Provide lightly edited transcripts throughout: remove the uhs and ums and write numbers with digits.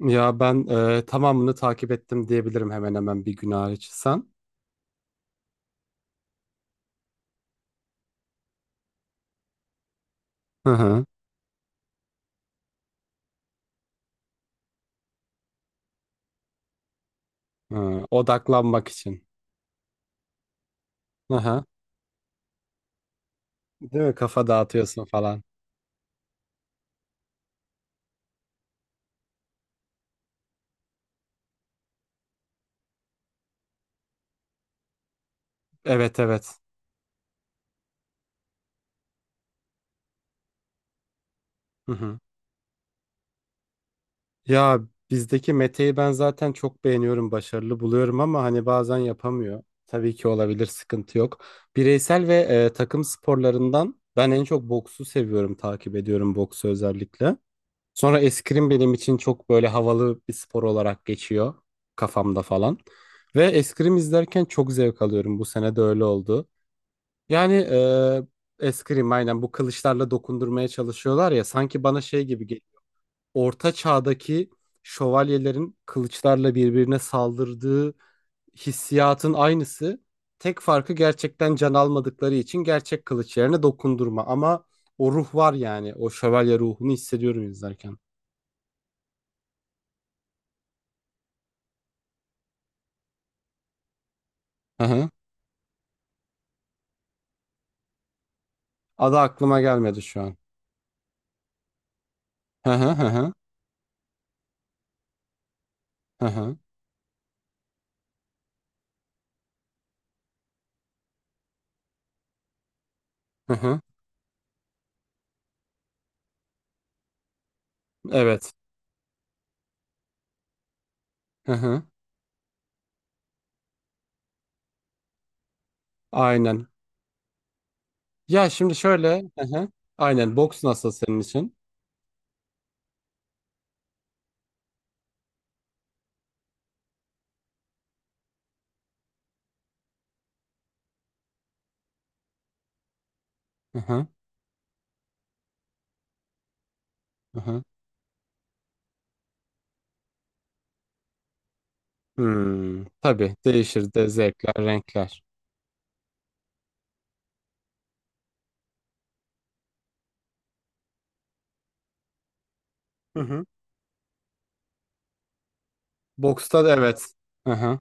Ya ben tamamını takip ettim diyebilirim hemen hemen bir gün hariç. Sen? Hı hı. Hı, odaklanmak için. Hı hı. Değil mi? Kafa dağıtıyorsun falan. Evet evet. Hı hı. Ya bizdeki Mete'yi ben zaten çok beğeniyorum, başarılı buluyorum ama hani bazen yapamıyor. Tabii ki olabilir, sıkıntı yok. Bireysel ve takım sporlarından ben en çok boksu seviyorum, takip ediyorum boksu özellikle. Sonra eskrim benim için çok böyle havalı bir spor olarak geçiyor kafamda falan. Ve eskrim izlerken çok zevk alıyorum. Bu sene de öyle oldu. Yani eskrim aynen bu kılıçlarla dokundurmaya çalışıyorlar ya sanki bana şey gibi geliyor. Orta çağdaki şövalyelerin kılıçlarla birbirine saldırdığı hissiyatın aynısı. Tek farkı gerçekten can almadıkları için gerçek kılıç yerine dokundurma. Ama o ruh var yani. O şövalye ruhunu hissediyorum izlerken. Adı aklıma gelmedi şu an. Hı hı hı hı hı hı hı hı. Evet. Hı hı. Aynen. Ya şimdi şöyle. Hı hı. Aynen. Boks nasıl senin için? Hı hı hı hı. Hmm, tabii değişir de zevkler, renkler. Hı hı. Boksta da evet. Hı hı.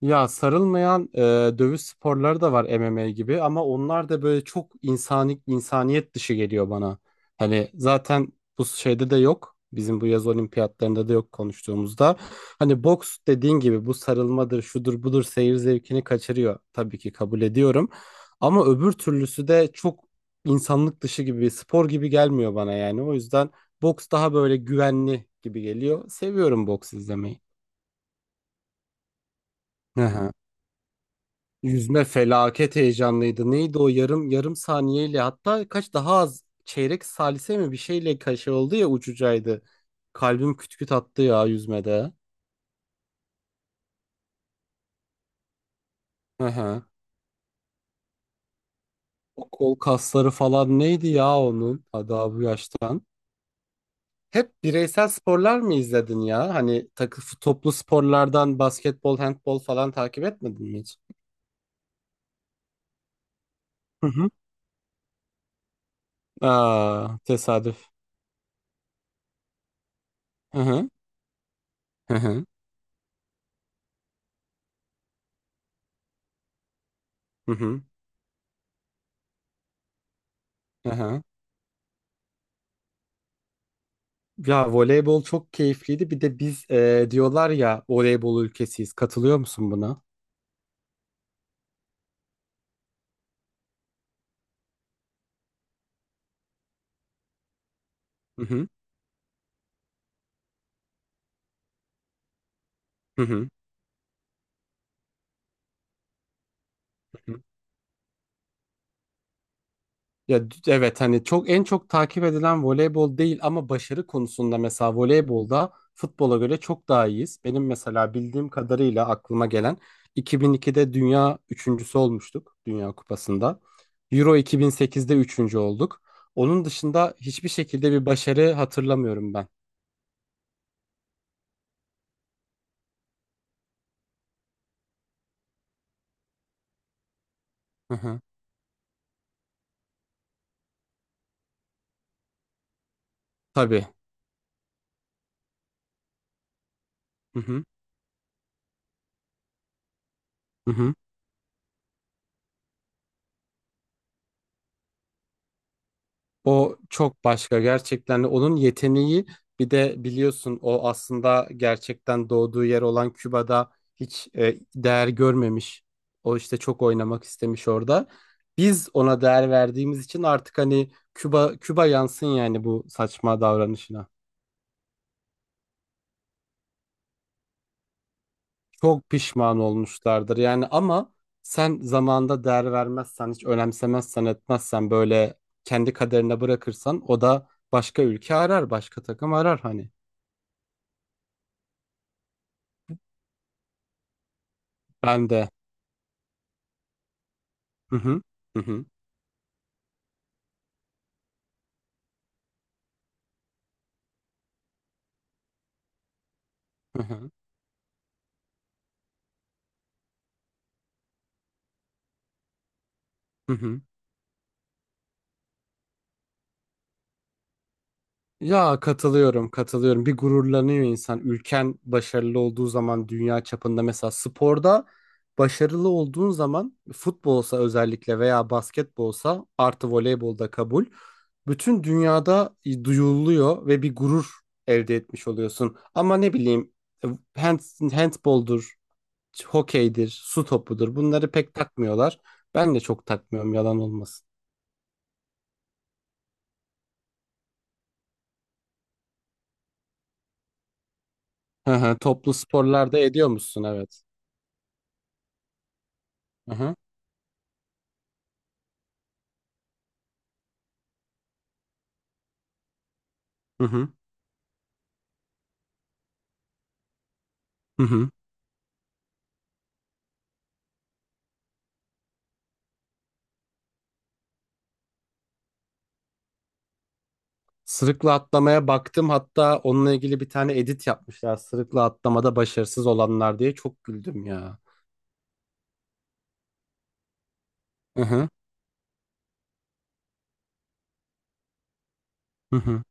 Ya sarılmayan dövüş sporları da var MMA gibi ama onlar da böyle çok insani insaniyet dışı geliyor bana. Hani zaten bu şeyde de yok. Bizim bu yaz olimpiyatlarında da yok konuştuğumuzda. Hani boks dediğin gibi bu sarılmadır, şudur budur seyir zevkini kaçırıyor. Tabii ki kabul ediyorum. Ama öbür türlüsü de çok insanlık dışı gibi, spor gibi gelmiyor bana yani. O yüzden boks daha böyle güvenli gibi geliyor. Seviyorum boks izlemeyi. Yüzme felaket heyecanlıydı. Neydi o yarım yarım saniyeyle hatta kaç daha az çeyrek salise mi bir şeyle kaşe oldu ya ucucaydı. Kalbim küt küt attı ya yüzmede. Hı hı. O kol kasları falan neydi ya onun daha bu yaştan. Hep bireysel sporlar mı izledin ya? Hani takı toplu sporlardan basketbol, handbol falan takip etmedin mi hiç? Hı hı. Aa, tesadüf. Hı hı. Hı hı. Hı hı. Hı hı. Ya voleybol çok keyifliydi. Bir de biz diyorlar ya voleybol ülkesiyiz. Katılıyor musun buna? Hı hı. Hı hı. Hı hı. Ya evet hani çok en çok takip edilen voleybol değil ama başarı konusunda mesela voleybolda futbola göre çok daha iyiyiz. Benim mesela bildiğim kadarıyla aklıma gelen 2002'de dünya üçüncüsü olmuştuk Dünya Kupası'nda. Euro 2008'de üçüncü olduk. Onun dışında hiçbir şekilde bir başarı hatırlamıyorum ben. Hı hı. Tabii. Hı hı. Hı hı. O çok başka gerçekten onun yeteneği bir de biliyorsun o aslında gerçekten doğduğu yer olan Küba'da hiç değer görmemiş. O işte çok oynamak istemiş orada. Biz ona değer verdiğimiz için artık hani Küba Küba yansın yani bu saçma davranışına. Çok pişman olmuşlardır yani ama sen zamanında değer vermezsen, hiç önemsemezsen, etmezsen böyle kendi kaderine bırakırsan o da başka ülke arar, başka takım arar hani. Ben de. Hı hı. Hı hı. Hı hı. Hı hı. Ya katılıyorum, katılıyorum. Bir gururlanıyor insan. Ülken başarılı olduğu zaman dünya çapında mesela sporda başarılı olduğun zaman futbolsa özellikle veya basketbolsa artı voleybolda kabul. Bütün dünyada duyuluyor ve bir gurur elde etmiş oluyorsun. Ama ne bileyim e, hand, handboldur, hokeydir, su topudur bunları pek takmıyorlar. Ben de çok takmıyorum yalan olmasın. Hı hı, toplu sporlarda ediyor musun? Evet. Hı hı. Hı hı. Hı hı. Sırıkla atlamaya baktım. Hatta onunla ilgili bir tane edit yapmışlar. Sırıkla atlamada başarısız olanlar diye çok güldüm ya. Hı hı. Hı hı.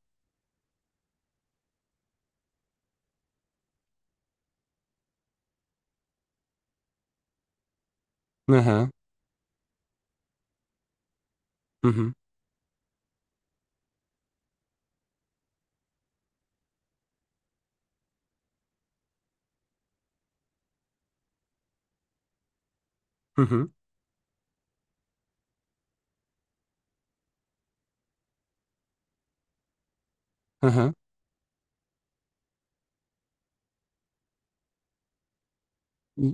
Hı hı. Hı hı. Hı hı. Hı hı.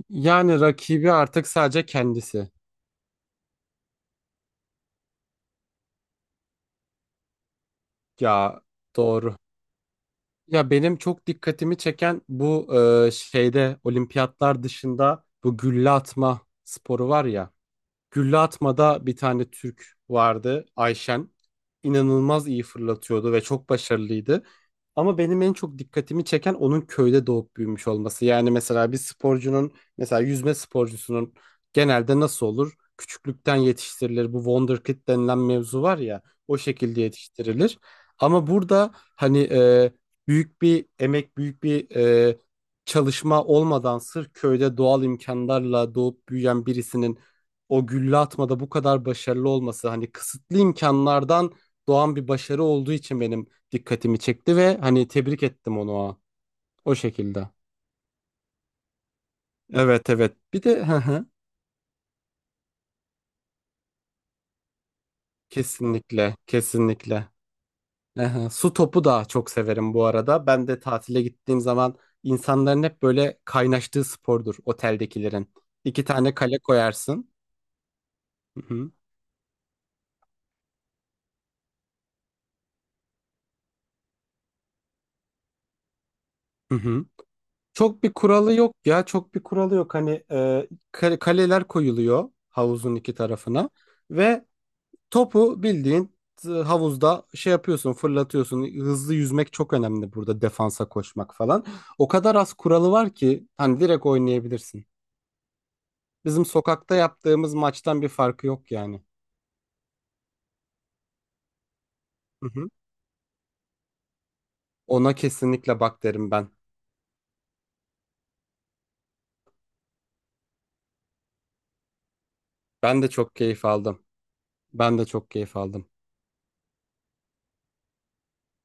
Yani rakibi artık sadece kendisi. Ya doğru. Ya benim çok dikkatimi çeken bu şeyde olimpiyatlar dışında bu gülle atma sporu var ya. Gülle atmada bir tane Türk vardı Ayşen. İnanılmaz iyi fırlatıyordu ve çok başarılıydı. Ama benim en çok dikkatimi çeken onun köyde doğup büyümüş olması. Yani mesela bir sporcunun mesela yüzme sporcusunun genelde nasıl olur? Küçüklükten yetiştirilir. Bu wonderkid denilen mevzu var ya o şekilde yetiştirilir. Ama burada hani büyük bir emek, büyük bir çalışma olmadan sırf köyde doğal imkanlarla doğup büyüyen birisinin o gülle atmada bu kadar başarılı olması hani kısıtlı imkanlardan doğan bir başarı olduğu için benim dikkatimi çekti ve hani tebrik ettim onu o şekilde. Evet evet. Bir de hı hı. Kesinlikle kesinlikle. Hı hı. Su topu da çok severim bu arada. Ben de tatile gittiğim zaman insanların hep böyle kaynaştığı spordur oteldekilerin. İki tane kale koyarsın. Hı hı. Hı hı. Çok bir kuralı yok ya çok bir kuralı yok hani kaleler koyuluyor havuzun iki tarafına ve topu bildiğin havuzda şey yapıyorsun fırlatıyorsun hızlı yüzmek çok önemli burada defansa koşmak falan o kadar az kuralı var ki hani direkt oynayabilirsin bizim sokakta yaptığımız maçtan bir farkı yok yani. Hı hı. Ona kesinlikle bak derim ben. Ben de çok keyif aldım. Ben de çok keyif aldım.